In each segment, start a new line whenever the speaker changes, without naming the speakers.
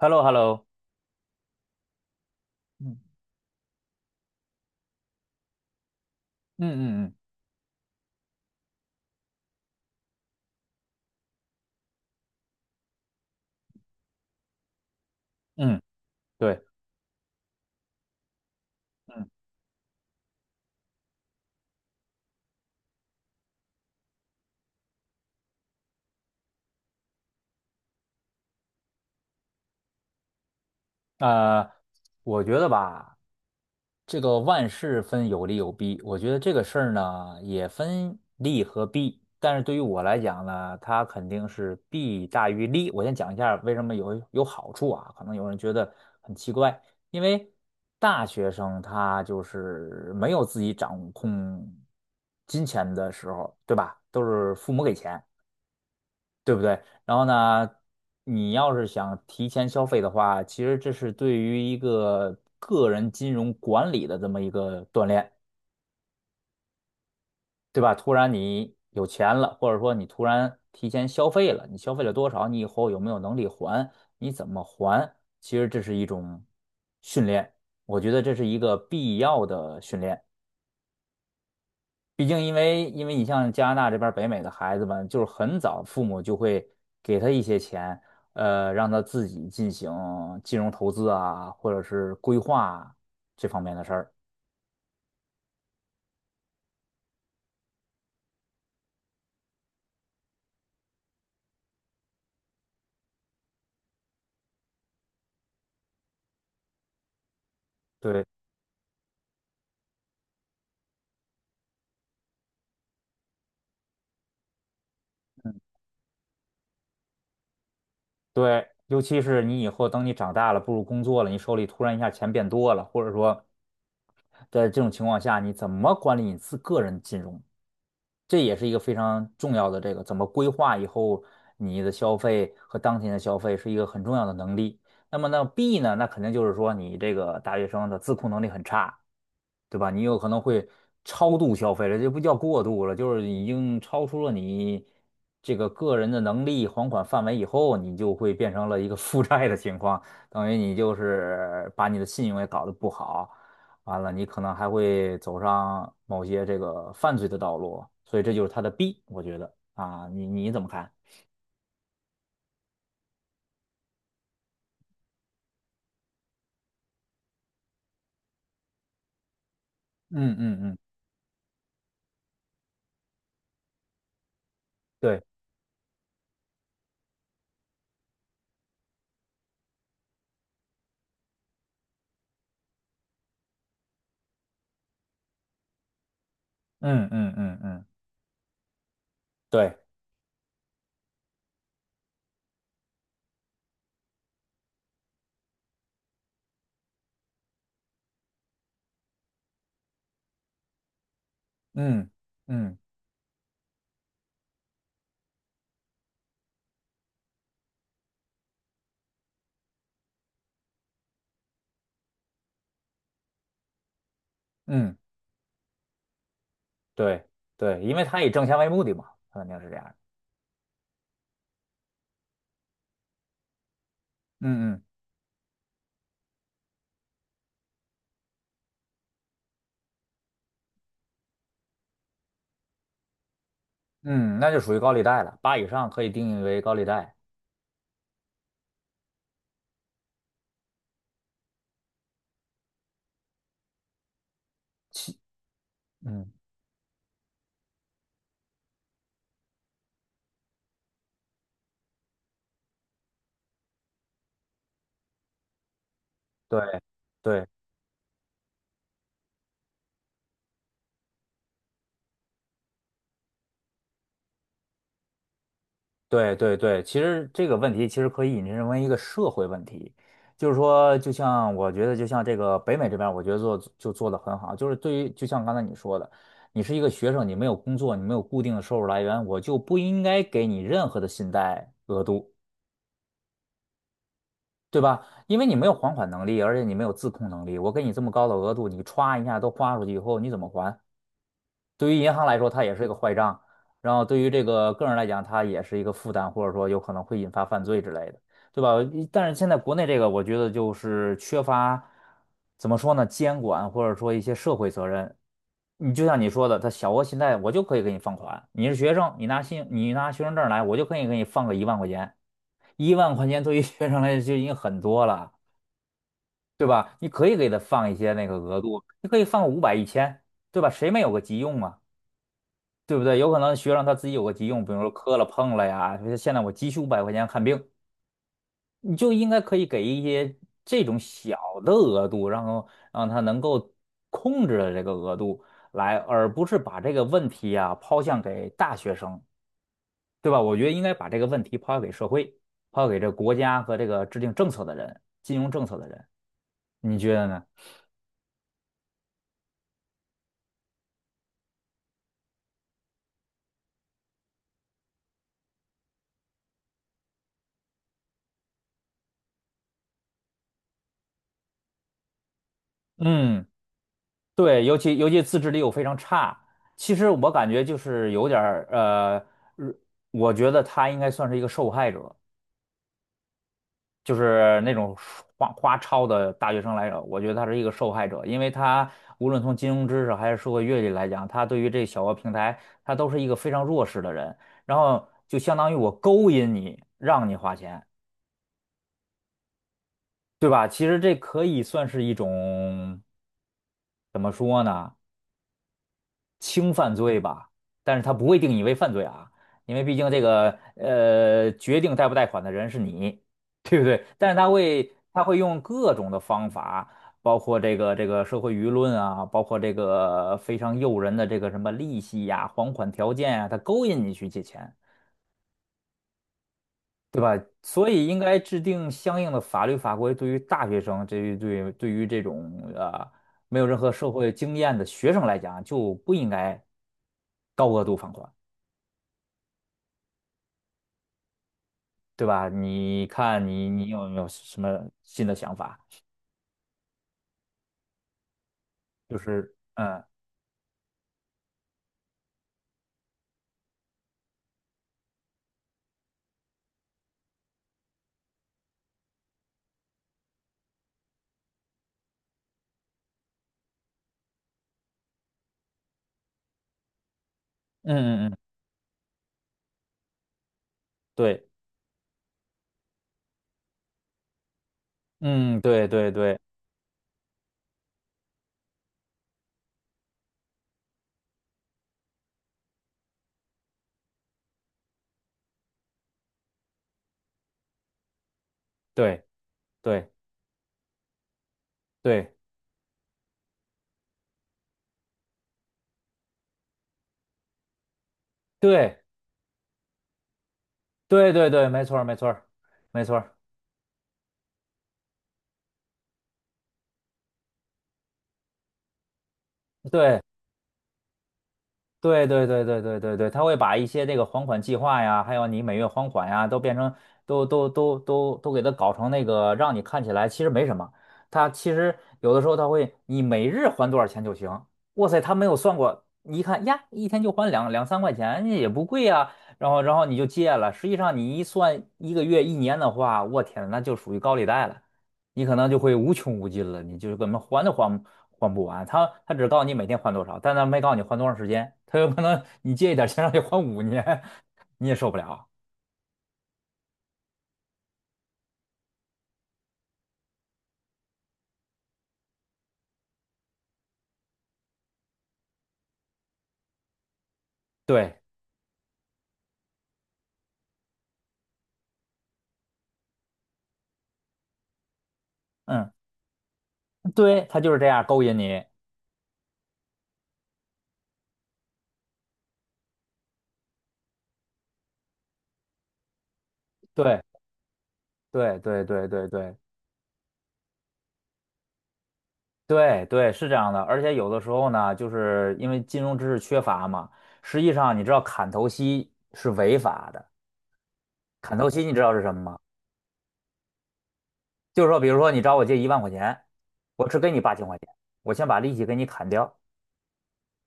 Hello，Hello。嗯嗯嗯嗯嗯，对，嗯。呃，我觉得吧，这个万事分有利有弊，我觉得这个事儿呢也分利和弊，但是对于我来讲呢，它肯定是弊大于利。我先讲一下为什么有好处啊，可能有人觉得很奇怪，因为大学生他就是没有自己掌控金钱的时候，对吧？都是父母给钱。对不对？然后呢，你要是想提前消费的话，其实这是对于一个个人金融管理的这么一个锻炼，对吧？突然你有钱了，或者说你突然提前消费了，你消费了多少？你以后有没有能力还？你怎么还？其实这是一种训练，我觉得这是一个必要的训练。毕竟，因为你像加拿大这边儿北美的孩子们，就是很早父母就会给他一些钱，让他自己进行金融投资啊，或者是规划这方面的事儿。对对，尤其是你以后等你长大了，步入工作了，你手里突然一下钱变多了，或者说在这种情况下，你怎么管理你自个人金融？这也是一个非常重要的这个怎么规划以后你的消费和当前的消费是一个很重要的能力。那么呢，B 呢，那肯定就是说你这个大学生的自控能力很差，对吧？你有可能会超度消费了，这不叫过度了，就是已经超出了你这个个人的能力还款范围以后，你就会变成了一个负债的情况，等于你就是把你的信用也搞得不好。完了你可能还会走上某些这个犯罪的道路，所以这就是它的弊，我觉得啊，你怎么看？嗯嗯嗯，对，嗯嗯嗯嗯，对，嗯嗯嗯，对对，因为他以挣钱为目的嘛，他肯定是这样的。嗯嗯嗯，那就属于高利贷了，8以上可以定义为高利贷。七，嗯，对对对对对，其实这个问题其实可以引申为一个社会问题，就是说，就像我觉得，就像这个北美这边儿我觉得做就做得很好，就是对于就像刚才你说的，你是一个学生，你没有工作，你没有固定的收入来源，我就不应该给你任何的信贷额度，对吧？因为你没有还款能力，而且你没有自控能力，我给你这么高的额度，你歘一下都花出去以后，你怎么还？对于银行来说，它也是一个坏账，然后对于这个个人来讲，它也是一个负担，或者说有可能会引发犯罪之类的，对吧？但是现在国内这个，我觉得就是缺乏，怎么说呢，监管或者说一些社会责任。你就像你说的，他小额信贷我就可以给你放款，你是学生，你拿学生证来，我就可以给你放个一万块钱，一万块钱对于学生来说就已经很多了，对吧？你可以给他放一些那个额度，你可以放个500、1000，1000对吧？谁没有个急用啊？对不对？有可能学生他自己有个急用，比如说磕了碰了呀，就是现在我急需500块钱看病，你就应该可以给一些这种小的额度，然后让他能够控制的这个额度来，而不是把这个问题啊抛向给大学生，对吧？我觉得应该把这个问题抛向给社会，抛向给这国家和这个制定政策的人，金融政策的人，你觉得呢？嗯。对，尤其自制力又非常差。其实我感觉就是有点儿如我觉得他应该算是一个受害者，就是那种花超的大学生来着，我觉得他是一个受害者，因为他无论从金融知识还是社会阅历来讲，他对于这小额平台，他都是一个非常弱势的人。然后就相当于我勾引你，让你花钱，对吧？其实这可以算是一种怎么说呢？轻犯罪吧，但是他不会定义为犯罪啊，因为毕竟这个决定贷不贷款的人是你，对不对？但是他会用各种的方法，包括这个社会舆论啊，包括这个非常诱人的这个什么利息呀、还款条件啊，他勾引你去借钱，对吧？所以应该制定相应的法律法规，对于大学生，这于对对于这种没有任何社会经验的学生来讲，就不应该高额度放款。对吧？你看你有没有什么新的想法？就是嗯。嗯嗯嗯，对，嗯对对对对对对对对对对，没错儿没错儿没错儿。对。对对对对对对对，他会把一些这个还款计划呀，还有你每月还款呀，都变成都给它搞成那个，让你看起来其实没什么。他其实有的时候他会，你每日还多少钱就行。哇塞，他没有算过，你一看呀，一天就还两三块钱，也不贵呀。然后你就借了，实际上你一算一个月一年的话，我天，那就属于高利贷了。你可能就会无穷无尽了，你就是根本还都还不完。他只告诉你每天还多少，但他没告诉你还多长时间。他有可能你借一点钱让你还5年，你也受不了。对，嗯，对，他就是这样勾引你。对，对，对，对，对，对，对，对，是这样的。而且有的时候呢，就是因为金融知识缺乏嘛，实际上你知道砍头息是违法的。砍头息你知道是什么吗？就是说，比如说你找我借一万块钱，我只给你8000块钱，我先把利息给你砍掉。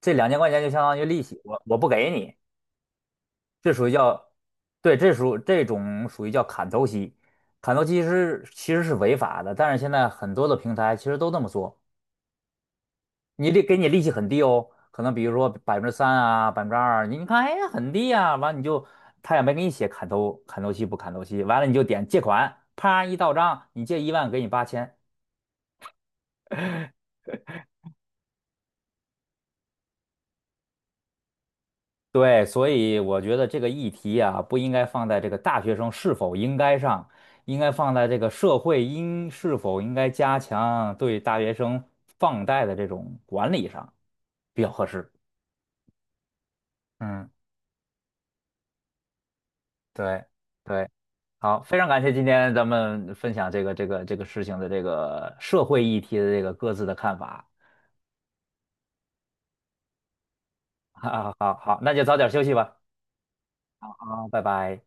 这2000块钱就相当于利息，我不给你，这属于叫，对，这属这种属于叫砍头息，砍头息是其实是违法的，但是现在很多的平台其实都这么做，你利给你利息很低哦，可能比如说3%啊，2%，你看哎呀很低啊，完你就他也没给你写砍头息不砍头息，完了你就点借款，啪一到账，你借一万给你八千，对，所以我觉得这个议题啊，不应该放在这个大学生是否应该上，应该放在这个社会应是否应该加强对大学生放贷的这种管理上比较合适。嗯，对对，好，非常感谢今天咱们分享这个事情的这个社会议题的这个各自的看法。好好好，那就早点休息吧。好，拜拜。